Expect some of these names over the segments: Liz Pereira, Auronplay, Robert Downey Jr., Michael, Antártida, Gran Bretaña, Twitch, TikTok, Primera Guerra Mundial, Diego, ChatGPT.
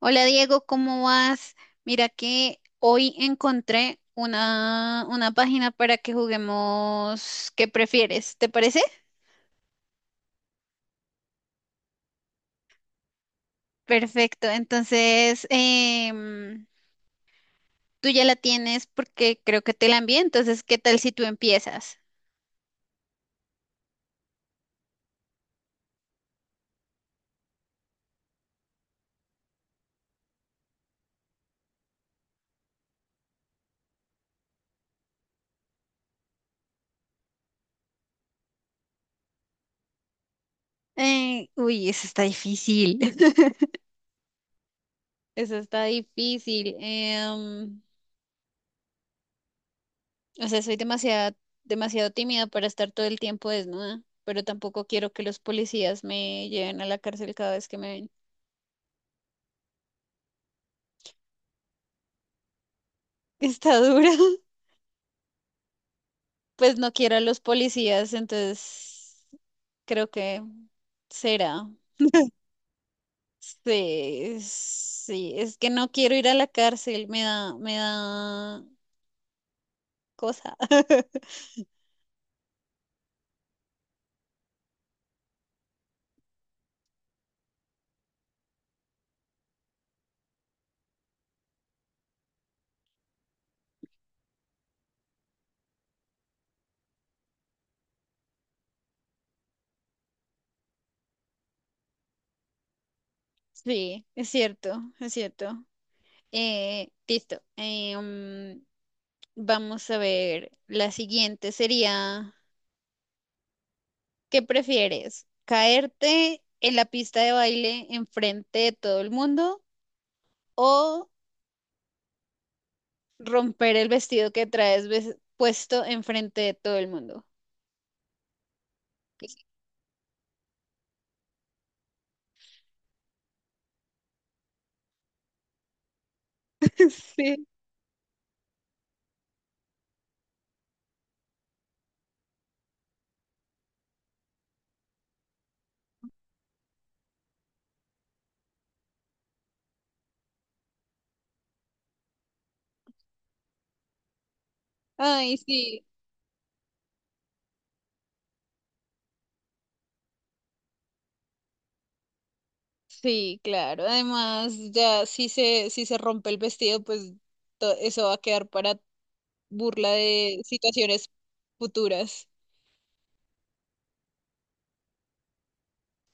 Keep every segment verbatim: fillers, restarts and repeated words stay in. Hola Diego, ¿cómo vas? Mira que hoy encontré una, una página para que juguemos, ¿qué prefieres? ¿Te parece? Perfecto, entonces em, tú ya la tienes porque creo que te la envié, entonces ¿qué tal si tú empiezas? Eh, uy, eso está difícil. Eso está difícil. Em, o sea, soy demasiado, demasiado tímida para estar todo el tiempo desnuda, pero tampoco quiero que los policías me lleven a la cárcel cada vez que me ven. Está dura. Pues no quiero a los policías, entonces creo que será. Sí, sí, es que no quiero ir a la cárcel, me da, me da cosa. Sí, es cierto, es cierto. Eh, listo. Eh, mm, vamos a ver, la siguiente sería, ¿qué prefieres? ¿Caerte en la pista de baile enfrente de todo el mundo o romper el vestido que traes ves- puesto enfrente de todo el mundo? Sí. Ay, sí, sí, claro. Además, ya si se, si se rompe el vestido, pues to- eso va a quedar para burla de situaciones futuras.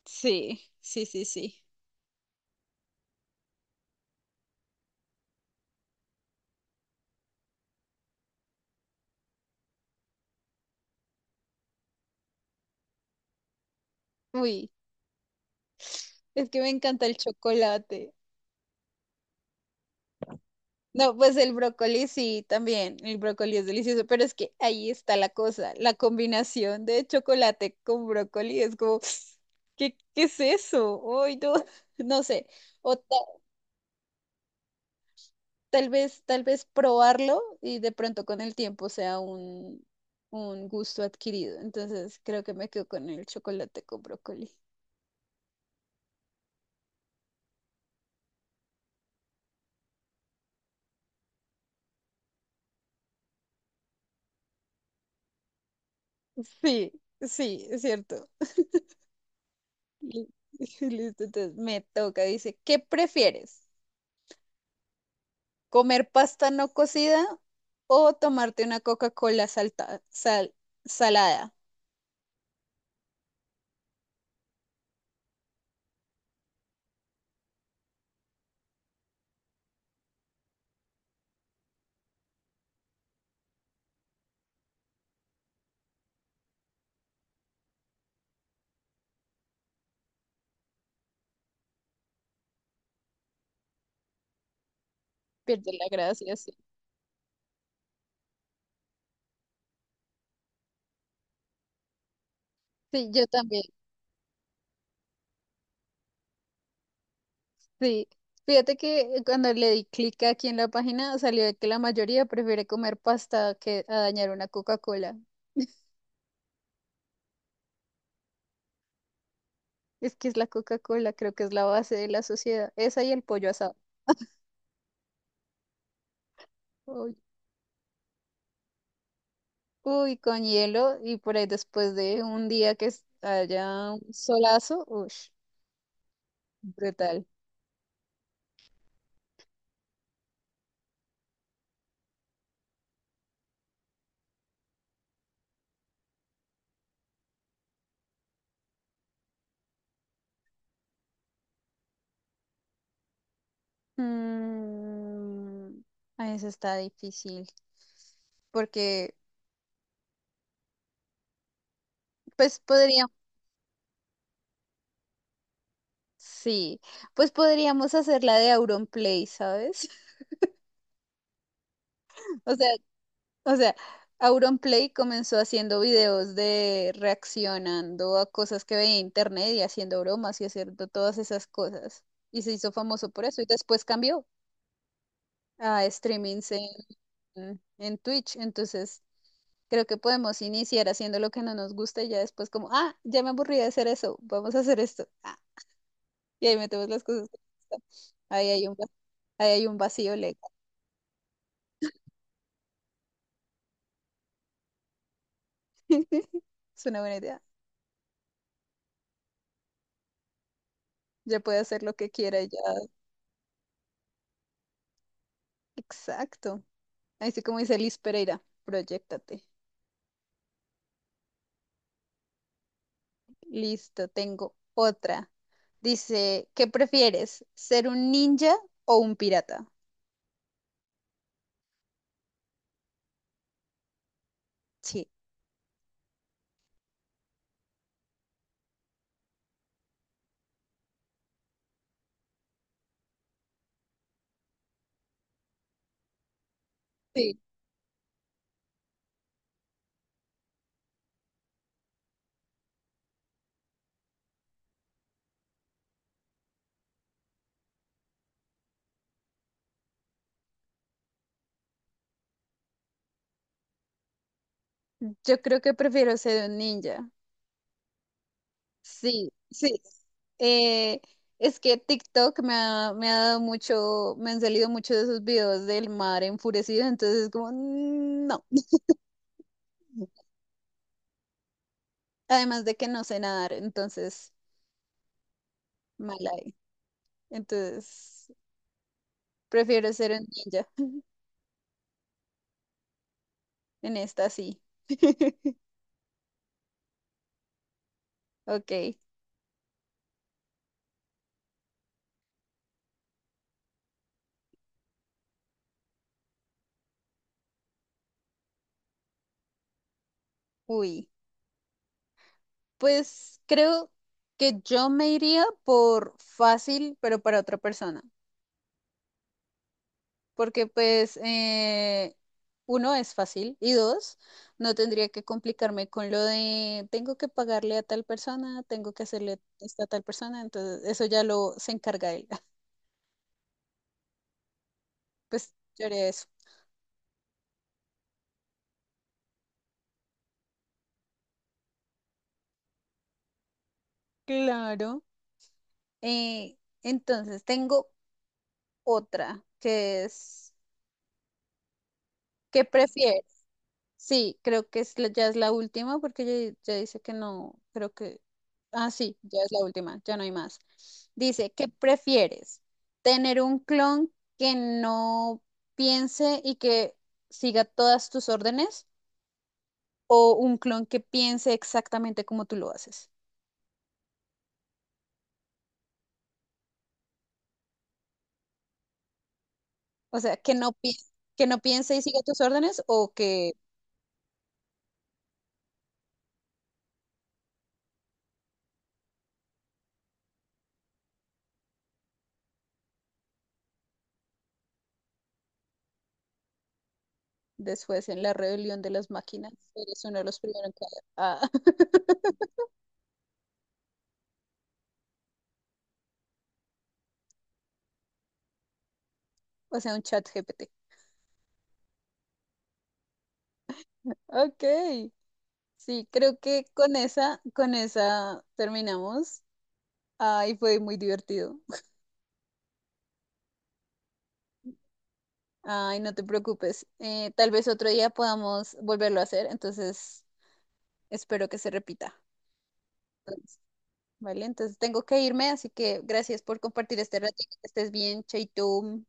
Sí, sí, sí, sí. Uy, es que me encanta el chocolate. No, pues el brócoli sí, también. El brócoli es delicioso, pero es que ahí está la cosa. La combinación de chocolate con brócoli es como, ¿qué, ¿qué es eso? Ay, no, no sé. O ta- tal vez, tal vez probarlo y de pronto con el tiempo sea un, un gusto adquirido. Entonces creo que me quedo con el chocolate con brócoli. Sí, sí, es cierto. Li- Listo, entonces me toca. Dice, ¿qué prefieres? ¿Comer pasta no cocida o tomarte una Coca-Cola salta- sal- salada? Pierde la gracia, sí. Sí, yo también, sí. Fíjate que cuando le di clic aquí en la página salió de que la mayoría prefiere comer pasta que a dañar una Coca-Cola. Es que es la Coca-Cola, creo que es la base de la sociedad. Esa y el pollo asado. Uy, Uy, con hielo y por ahí después de un día que es- haya un solazo, uy, brutal. Mm, eso está difícil, porque pues podríamos, sí, pues podríamos hacer la de Auronplay, ¿sabes? O sea, o sea, Auronplay comenzó haciendo videos de reaccionando a cosas que veía en internet y haciendo bromas y haciendo todas esas cosas. Y se hizo famoso por eso y después cambió a streamings en, en Twitch. Entonces, creo que podemos iniciar haciendo lo que no nos gusta y ya después como, ah, ya me aburrí de hacer eso, vamos a hacer esto. Ah, y ahí metemos las cosas que nos gustan. Ahí hay un, va- Ahí hay un vacío legal. Es una buena idea. Ya puede hacer lo que quiera, ya. Exacto. Así como dice Liz Pereira, proyectate. Listo, tengo otra. Dice, ¿qué prefieres? ¿Ser un ninja o un pirata? Sí. Yo creo que prefiero ser un ninja. Sí, sí. Eh, es que TikTok me ha, me ha dado mucho, me han salido muchos de esos videos del mar enfurecido, entonces es como, "Mm, no". Además de que no sé nadar, entonces, mal ahí. Entonces, prefiero ser un ninja. En esta sí. Ok, uy. Pues creo que yo me iría por fácil, pero para otra persona. Porque pues eh, uno es fácil y dos, no tendría que complicarme con lo de tengo que pagarle a tal persona, tengo que hacerle esto a tal persona, entonces eso ya lo se encarga él. Pues yo haría eso. Claro. Eh, entonces tengo otra que es, ¿qué prefieres? Sí, creo que es, la- ya es la última porque ya, ya dice que no, creo que... Ah, sí, ya es la última, ya no hay más. Dice, ¿qué prefieres? ¿Tener un clon que no piense y que siga todas tus órdenes o un clon que piense exactamente como tú lo haces? O sea, que no piense, que no piense y siga tus órdenes o que después en la rebelión de las máquinas eres uno de los primeros en... Ah, o sea, un chat GPT. Ok. Sí, creo que con esa, con esa terminamos. Ay, fue muy divertido. Ay, no te preocupes. Eh, tal vez otro día podamos volverlo a hacer, entonces espero que se repita, ¿vale? Entonces tengo que irme, así que gracias por compartir este ratito. Que estés bien, Chaito.